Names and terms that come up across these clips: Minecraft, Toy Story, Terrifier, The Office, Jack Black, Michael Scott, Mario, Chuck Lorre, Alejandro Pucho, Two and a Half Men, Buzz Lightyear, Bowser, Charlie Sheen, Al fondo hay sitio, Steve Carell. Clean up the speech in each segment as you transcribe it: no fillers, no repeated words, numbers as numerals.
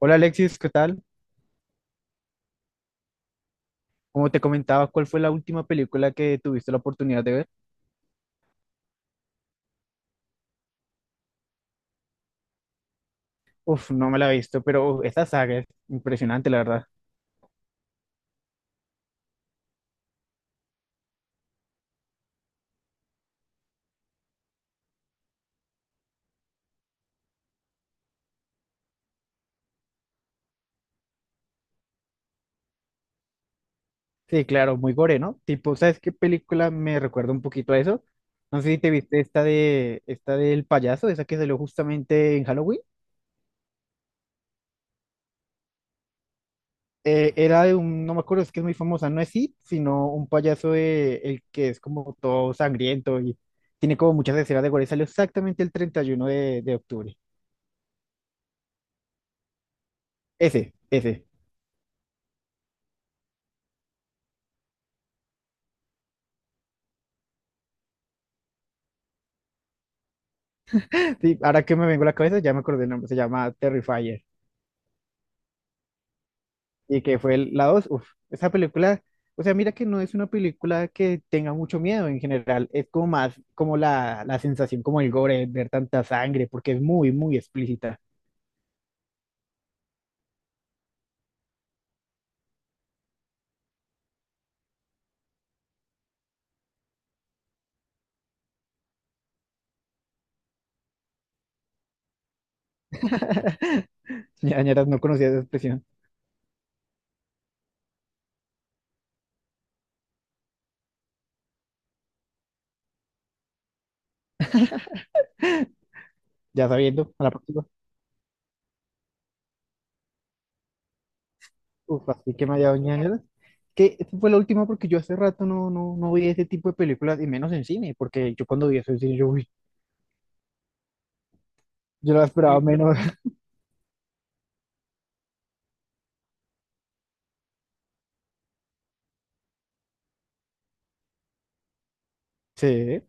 Hola Alexis, ¿qué tal? Como te comentaba, ¿cuál fue la última película que tuviste la oportunidad de ver? Uf, no me la he visto, pero uf, esta saga es impresionante, la verdad. Sí, claro, muy gore, ¿no? Tipo, ¿sabes qué película me recuerda un poquito a eso? No sé si te viste esta de esta del payaso, esa que salió justamente en Halloween. Era de un, no me acuerdo, es que es muy famosa, no es It, sino un payaso de- el que es como todo sangriento y tiene como muchas escenas de gore. Salió exactamente el 31 de octubre. Ese, ese. Sí, ahora que me vengo a la cabeza, ya me acordé el nombre, se llama Terrifier. Y que fue el- la dos, uff, esa película, o sea, mira que no es una película que tenga mucho miedo en general, es como más como la sensación, como el gore, ver tanta sangre, porque es muy, muy explícita. Ñañaras, no conocía esa expresión, ya sabiendo, a la próxima, uff, así que me ha dado ñañaras. Que esa fue la última porque yo hace rato no vi ese tipo de películas, y menos en cine, porque yo cuando vi eso en cine, yo, uy, yo la esperaba menos. Sí.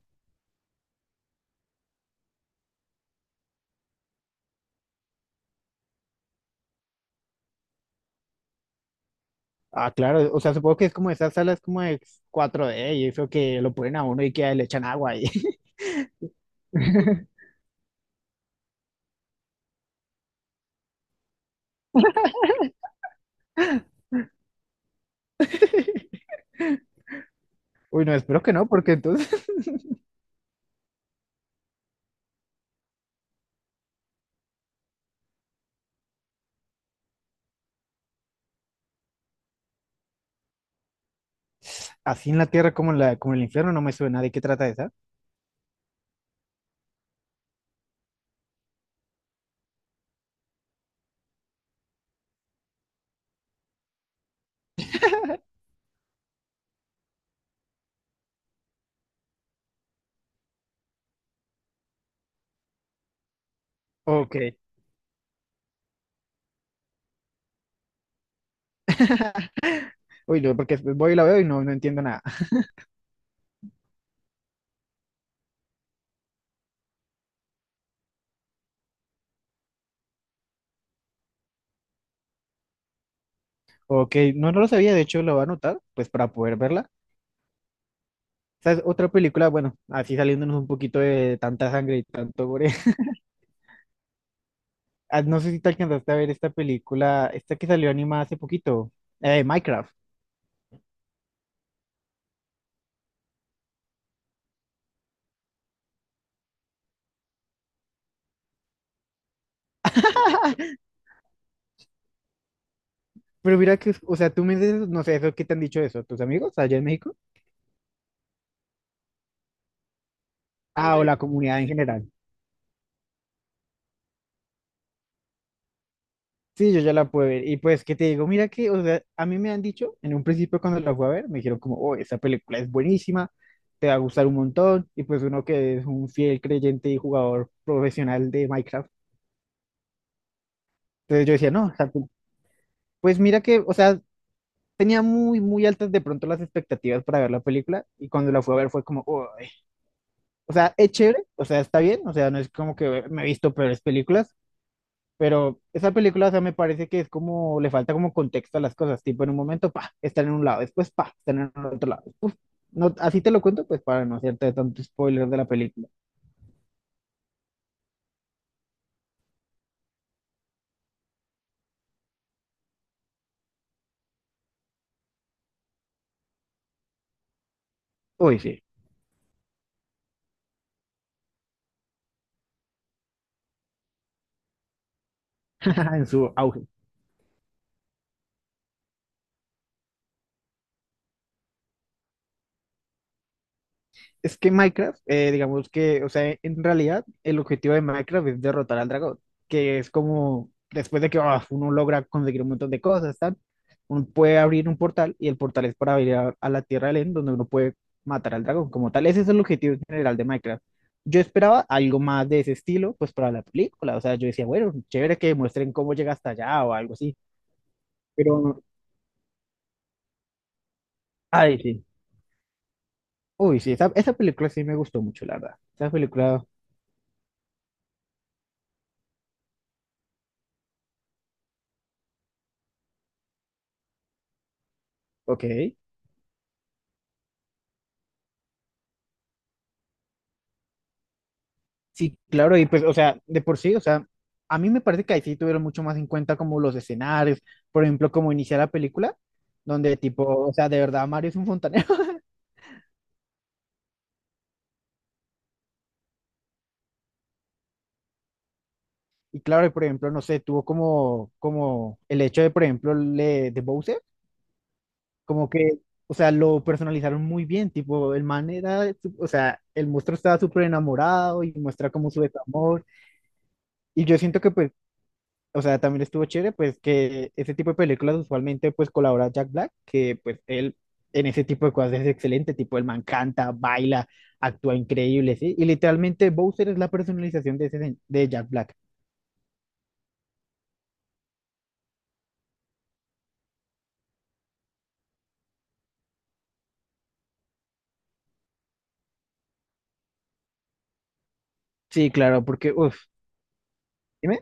Ah, claro, o sea, supongo que es como esas salas como de cuatro d y eso que lo ponen a uno y que le echan agua ahí. Uy, no, espero que no, porque entonces así en la tierra como en el infierno no me suena. ¿De qué trata esa? Ok. Uy, no, porque después voy y la veo y no, no entiendo nada. Ok, no, no lo sabía, de hecho lo voy a anotar, pues para poder verla. ¿Sabes? Otra película, bueno, así saliéndonos un poquito de tanta sangre y tanto gore. Ah, no sé si te alcanzaste a ver esta película, esta que salió animada hace poquito, Minecraft. Pero mira que, o sea, tú me dices, no sé, eso, ¿qué te han dicho eso? ¿Tus amigos allá en México? Ah, o sí, la comunidad en general. Sí, yo ya la pude ver. Y pues, ¿qué te digo? Mira que, o sea, a mí me han dicho, en un principio cuando la fui a ver, me dijeron como, oh, esa película es buenísima, te va a gustar un montón. Y pues uno que es un fiel creyente y jugador profesional de Minecraft. Entonces yo decía, no, o sea, pu- pues mira que, o sea, tenía muy, muy altas de pronto las expectativas para ver la película. Y cuando la fui a ver fue como, oh, o sea, es chévere, o sea, está bien, o sea, no es como que me he visto peores películas. Pero esa película, o sea, me parece que es como, le falta como contexto a las cosas, tipo en un momento, pa, están en un lado, después, pa, están en el otro lado. Uf, no, así te lo cuento, pues para no hacerte tanto spoiler de la película. Uy, sí, en su auge. Es que Minecraft, digamos que, o sea, en realidad el objetivo de Minecraft es derrotar al dragón, que es como después de que uno logra conseguir un montón de cosas, tal, uno puede abrir un portal y el portal es para ir a la Tierra del End, donde uno puede matar al dragón como tal. Ese es el objetivo general de Minecraft. Yo esperaba algo más de ese estilo, pues para la película, o sea, yo decía, bueno, chévere que muestren cómo llega hasta allá o algo así, pero, ay, sí. Uy, sí, esa película sí me gustó mucho, la verdad. Esa película, ok. Sí, claro, y pues, o sea, de por sí, o sea, a mí me parece que ahí sí tuvieron mucho más en cuenta como los escenarios, por ejemplo, como iniciar la película, donde tipo, o sea, de verdad Mario es un fontanero. Y claro, y por ejemplo, no sé, tuvo como, como el hecho de, por ejemplo, le- de Bowser, como que, o sea, lo personalizaron muy bien, tipo, el man era, su- o sea, el monstruo estaba súper enamorado y muestra como su desamor. Y yo siento que, pues, o sea, también estuvo chévere, pues que ese tipo de películas usualmente pues colabora Jack Black, que pues él en ese tipo de cosas es excelente, tipo el man canta, baila, actúa increíble, ¿sí? Y literalmente Bowser es la personalización de, ese, sen- de Jack Black. Sí, claro, porque, uff, dime.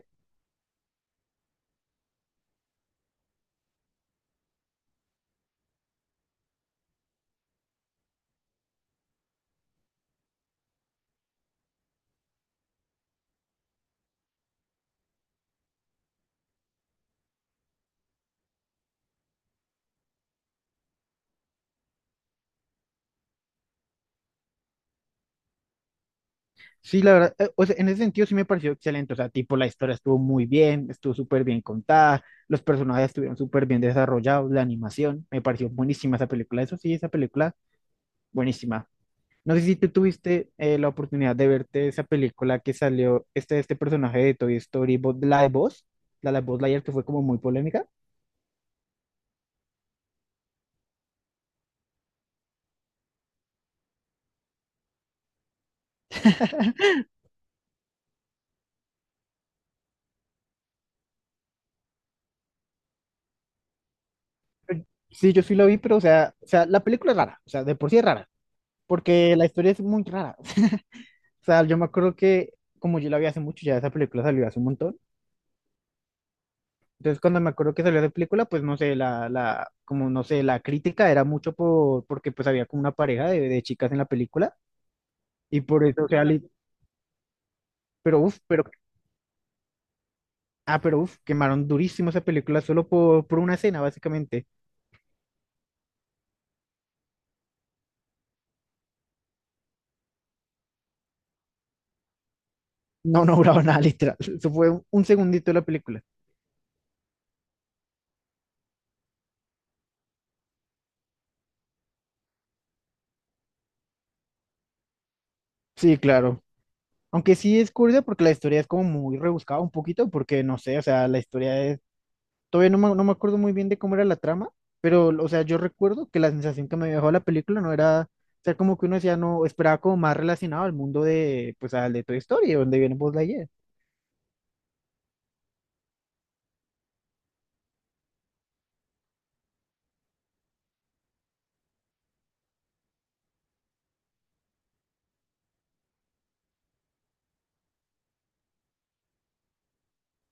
Sí, la verdad, o sea, en ese sentido sí me pareció excelente, o sea, tipo la historia estuvo muy bien, estuvo súper bien contada, los personajes estuvieron súper bien desarrollados, la animación, me pareció buenísima esa película, eso sí, esa película, buenísima. No sé si tú tuviste la oportunidad de verte esa película que salió, este personaje de Toy Story, Buzz- la de Buzz, la de Buzz Lightyear que fue como muy polémica. Sí, yo sí la vi, pero o sea, la película es rara, o sea, de por sí es rara, porque la historia es muy rara. O sea, yo me acuerdo que como yo la vi hace mucho, ya esa película salió hace un montón. Entonces, cuando me acuerdo que salió esa película, pues no sé, como no sé, la crítica era mucho por, porque pues había como una pareja de chicas en la película y por eso, o sea, li- pero uff, pero ah, pero uf, quemaron durísimo esa película solo por una escena, básicamente. No, no duraba nada, literal. Eso fue un segundito de la película. Sí, claro. Aunque sí es curiosa porque la historia es como muy rebuscada un poquito, porque no sé, o sea, la historia es… Todavía no me acuerdo muy bien de cómo era la trama, pero, o sea, yo recuerdo que la sensación que me dejó la película no era… O sea, como que uno decía, no, esperaba como más relacionado al mundo de, pues, al de Toy Story, donde viene Buzz Lightyear.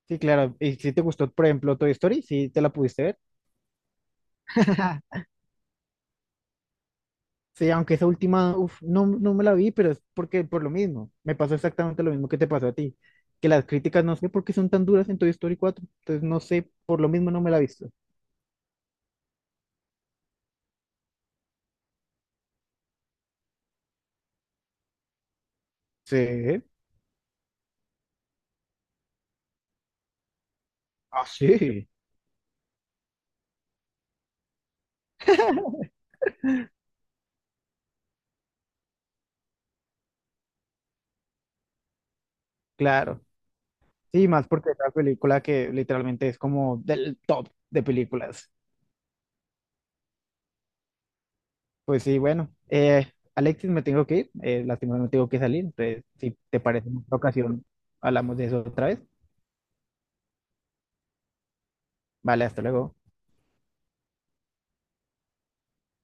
Sí, claro. Y si te gustó, por ejemplo, Toy Story, sí te la pudiste ver. Sí, aunque esa última, uf, no me la vi, pero es porque por lo mismo. Me pasó exactamente lo mismo que te pasó a ti. Que las críticas no sé por qué son tan duras en Toy Story 4. Entonces no sé, por lo mismo no me la he visto. Sí. Ah, sí. Claro. Sí, más porque es la película que literalmente es como del top de películas. Pues sí, bueno. Alexis, me tengo que ir. Lastimosamente tengo que salir. Entonces, si te parece en otra ocasión, hablamos de eso otra vez. Vale, hasta luego.